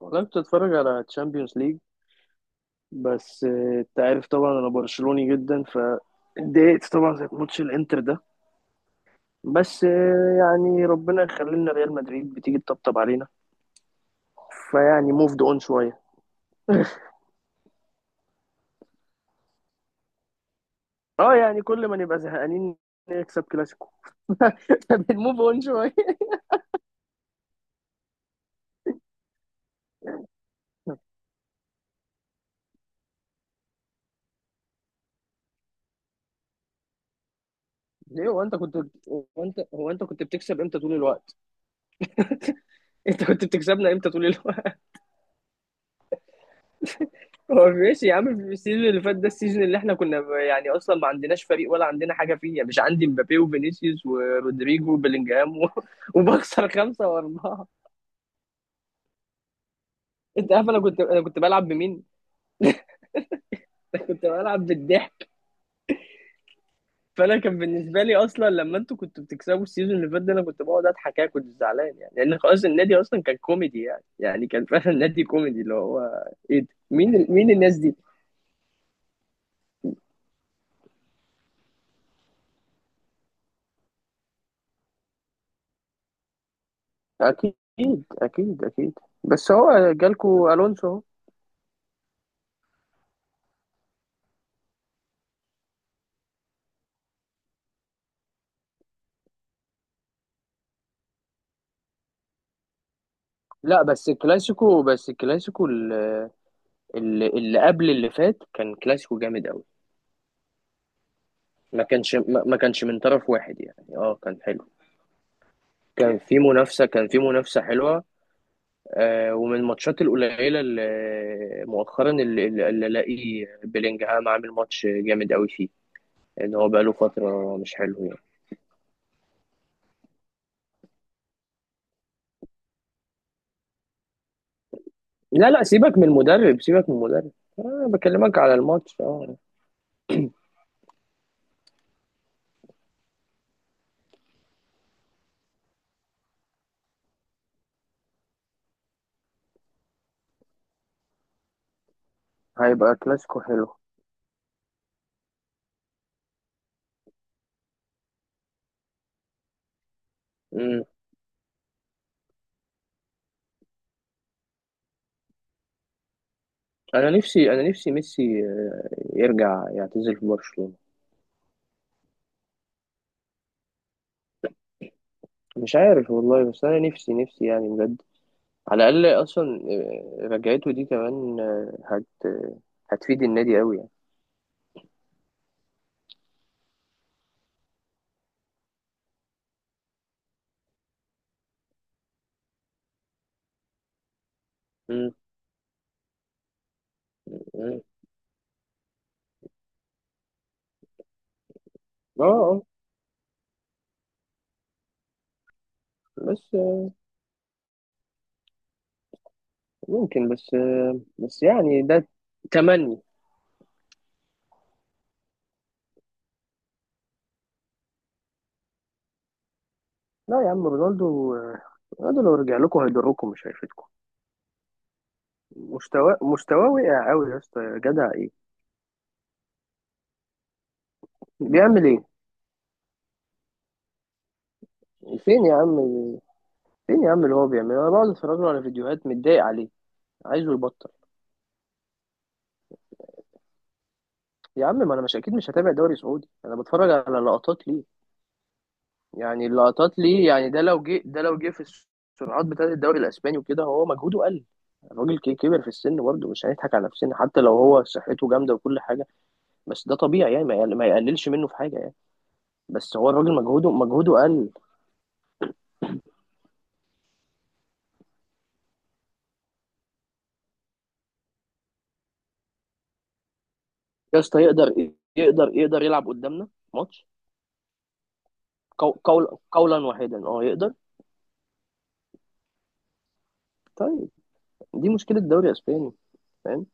والله كنت بتفرج على تشامبيونز ليج. بس انت عارف طبعا انا برشلوني جدا فاتضايقت طبعا زي ماتش الانتر ده. بس يعني ربنا يخلينا ريال مدريد بتيجي تطبطب علينا. فيعني موفد اون شويه. اه يعني كل ما نبقى زهقانين نكسب كلاسيكو. بنموف اون شويه. ليه؟ هو انت كنت بتكسب امتى طول الوقت؟ انت كنت بتكسبنا امتى طول الوقت؟ هو ماشي يا عم، في السيزون اللي فات ده، السيزون اللي احنا كنا يعني اصلا ما عندناش فريق ولا عندنا حاجه فيه يعني. مش عندي مبابي وفينيسيوس ورودريجو وبيلينجهام وبخسر 5-4. انت عارف انا كنت بلعب بمين؟ كنت بلعب بالضحك. فانا كان بالنسبه لي اصلا لما انتوا كنتوا بتكسبوا السيزون اللي فات ده، انا كنت بقعد اضحك. أنا كنت زعلان يعني، لان خلاص النادي اصلا كان كوميدي. يعني كان فعلا نادي كوميدي اللي هو ايه ده؟ مين الناس دي؟ اكيد. اكيد، اكيد. بس هو جالكوا الونسو اهو. لا بس الكلاسيكو، اللي قبل اللي فات كان كلاسيكو جامد قوي. ما كانش من طرف واحد يعني. اه كان حلو. كان في منافسة حلوة. ومن الماتشات القليلة اللي مؤخرا اللي الاقي بيلينجهام عامل ماتش جامد قوي فيه. ان هو بقاله فترة مش حلو يعني. لا لا، سيبك من المدرب. سيبك من المدرب، انا بكلمك على الماتش، اه. هيبقى كلاسيكو حلو. انا نفسي ميسي يرجع يعتزل في برشلونة. مش عارف والله، بس انا نفسي نفسي يعني بجد. على الاقل اصلا رجعته دي كمان آه، هت آه، هتفيد النادي قوي يعني. مم. مم. اه. بس ممكن. بس يعني ده تمني. لا يا عم، رونالدو رونالدو لو رجع لكم هيضركم مش هيفيدكم. مستواه وقع قوي يا اسطى يا جدع. ايه بيعمل ايه؟ فين يا عم فين يا عم اللي هو بيعمله؟ انا بقعد اتفرج له على فيديوهات متضايق عليه عايزه يبطل. يا عم، ما انا مش اكيد مش هتابع دوري سعودي، انا بتفرج على لقطات ليه. يعني اللقطات ليه. يعني ده لو جه في السرعات بتاعه الدوري الاسباني وكده هو مجهوده قل. الراجل كبر في السن برضه، مش هنضحك على نفسنا حتى لو هو صحته جامده وكل حاجه. بس ده طبيعي يعني، ما يقللش منه في حاجه يعني. بس هو الراجل مجهوده قل. يا اسطى يقدر. يقدر يلعب قدامنا ماتش. قول قولا واحدا، اه يقدر. طيب، دي مشكله الدوري الاسباني، فاهم.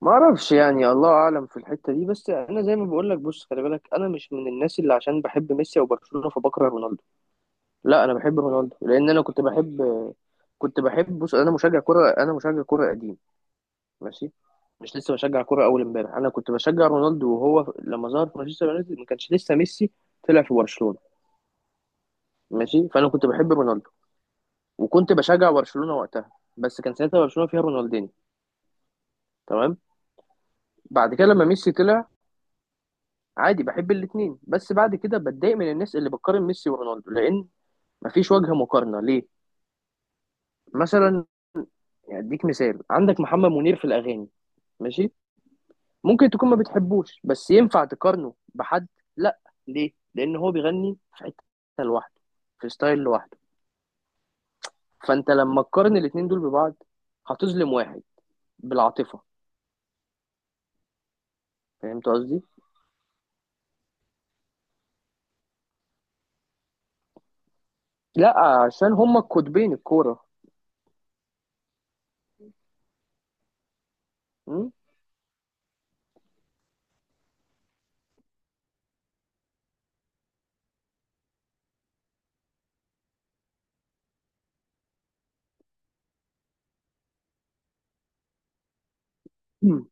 ما اعرفش يعني، الله اعلم في الحته دي. بس انا زي ما بقول لك، بص خلي بالك، انا مش من الناس اللي عشان بحب ميسي او برشلونه فبكره رونالدو. لا، انا بحب رونالدو لان انا كنت بحب، بص، انا مشجع كره قديم. ماشي. مش لسه بشجع كره اول امبارح. انا كنت بشجع رونالدو وهو لما ظهر في مانشستر يونايتد ما كانش لسه ميسي طلع في برشلونه. ماشي. فانا كنت بحب رونالدو وكنت بشجع برشلونه وقتها. بس كان ساعتها برشلونه فيها رونالدينيو. تمام. بعد كده لما ميسي طلع، عادي بحب الاتنين. بس بعد كده بتضايق من الناس اللي بتقارن ميسي ورونالدو، لان مفيش وجه مقارنه ليه. مثلا يعني اديك مثال، عندك محمد منير في الاغاني. ماشي. ممكن تكون ما بتحبوش، بس ينفع تقارنه بحد؟ لا. ليه؟ لان هو بيغني في حته لوحده، في ستايل لوحده. فانت لما تقارن الاتنين دول ببعض هتظلم واحد بالعاطفه. فهمت قصدي؟ لا، عشان هما القطبين الكوره. م?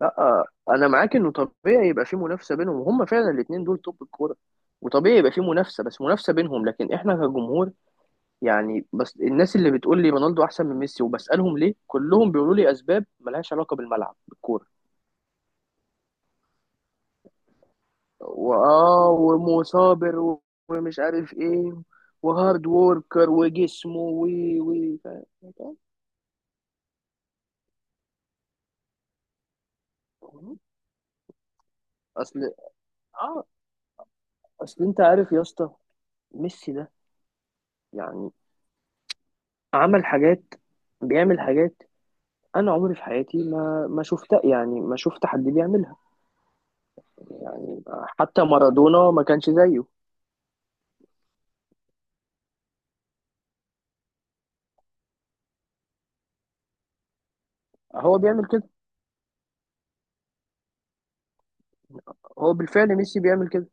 لا انا معاك، انه طبيعي يبقى في منافسه بينهم، وهم فعلا الاثنين دول توب الكوره. وطبيعي يبقى في منافسه، بس منافسه بينهم. لكن احنا كجمهور يعني، بس الناس اللي بتقول لي رونالدو احسن من ميسي، وبسالهم ليه، كلهم بيقولوا لي اسباب ملهاش علاقه بالملعب بالكوره. واه ومصابر، ومش عارف ايه، وهارد ووركر، وجسمه، و و اصل اه اصل انت عارف يا اسطى، ميسي ده يعني عمل حاجات. بيعمل حاجات انا عمري في حياتي ما شفت، يعني ما شفت حد بيعملها. يعني حتى مارادونا ما كانش زيه. هو بيعمل كده. هو بالفعل ميسي بيعمل كده.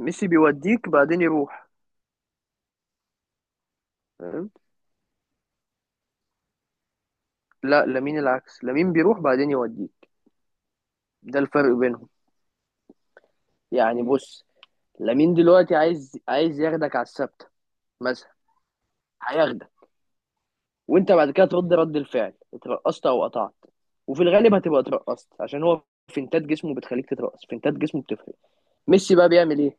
ميسي بيوديك بعدين يروح، فاهم؟ لا، لامين العكس، لامين بيروح بعدين يوديك. ده الفرق بينهم. يعني بص، لامين دلوقتي عايز ياخدك على الثابته مثلا. هياخدك، وانت بعد كده ترد رد الفعل، اترقصت او قطعت. وفي الغالب هتبقى اترقصت، عشان هو فنتات جسمه بتخليك تترقص. فنتات جسمه بتفرق. ميسي بقى بيعمل ايه؟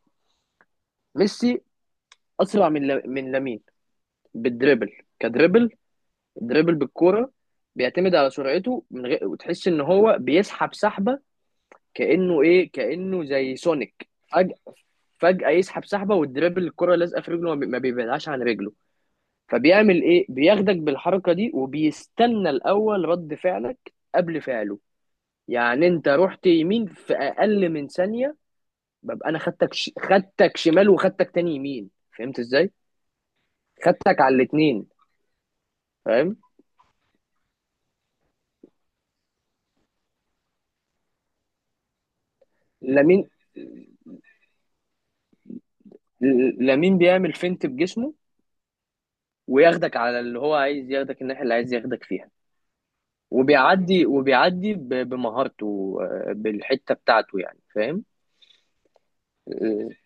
ميسي اسرع من من لامين بالدريبل. كدريبل دريبل بالكوره. بيعتمد على سرعته، من غير وتحس ان هو بيسحب سحبه، كانه كانه زي سونيك. فجأة يسحب سحبة، والدريبل الكرة لازقة في رجله، ما بيبعدهاش عن رجله. فبيعمل ايه؟ بياخدك بالحركة دي وبيستنى الأول رد فعلك قبل فعله. يعني انت رحت يمين في أقل من ثانية، ببقى انا خدتك خدتك شمال، وخدتك تاني يمين. فهمت ازاي؟ خدتك على الاتنين، فاهم. لامين لامين بيعمل فينت بجسمه، وياخدك على اللي هو عايز ياخدك، الناحية اللي عايز ياخدك فيها. وبيعدي بمهارته، بالحتة بتاعته يعني، فاهم؟ آه،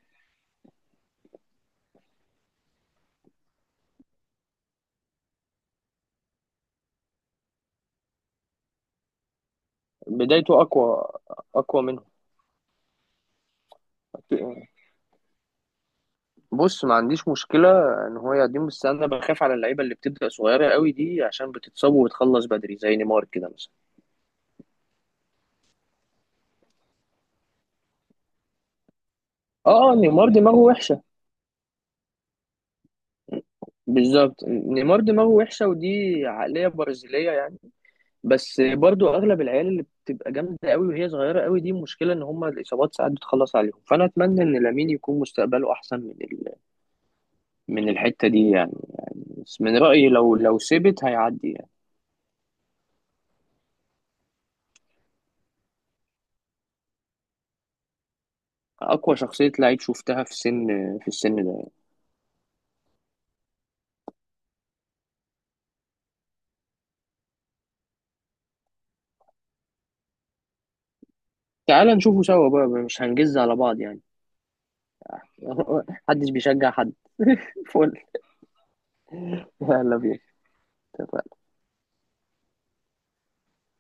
بدايته أقوى. أقوى منه. بص ما عنديش مشكلة إن هو يقدم، بس أنا بخاف على اللعيبة اللي بتبدأ صغيرة قوي دي، عشان بتتصاب وتخلص بدري، زي نيمار كده مثلا. اه، نيمار دماغه وحشة. بالظبط، نيمار دماغه وحشة، ودي عقلية برازيلية يعني. بس برضو اغلب العيال اللي بتبقى جامده قوي وهي صغيره قوي، دي مشكله ان هم الاصابات ساعات بتخلص عليهم. فانا اتمنى ان لامين يكون مستقبله احسن من من الحته دي يعني. بس من رايي، لو سبت هيعدي يعني. اقوى شخصيه لعيب شفتها في سن، في السن ده يعني. تعال نشوفه سوا بقى، مش هنجز على بعض يعني. محدش بيشجع حد. فل يلا بينا.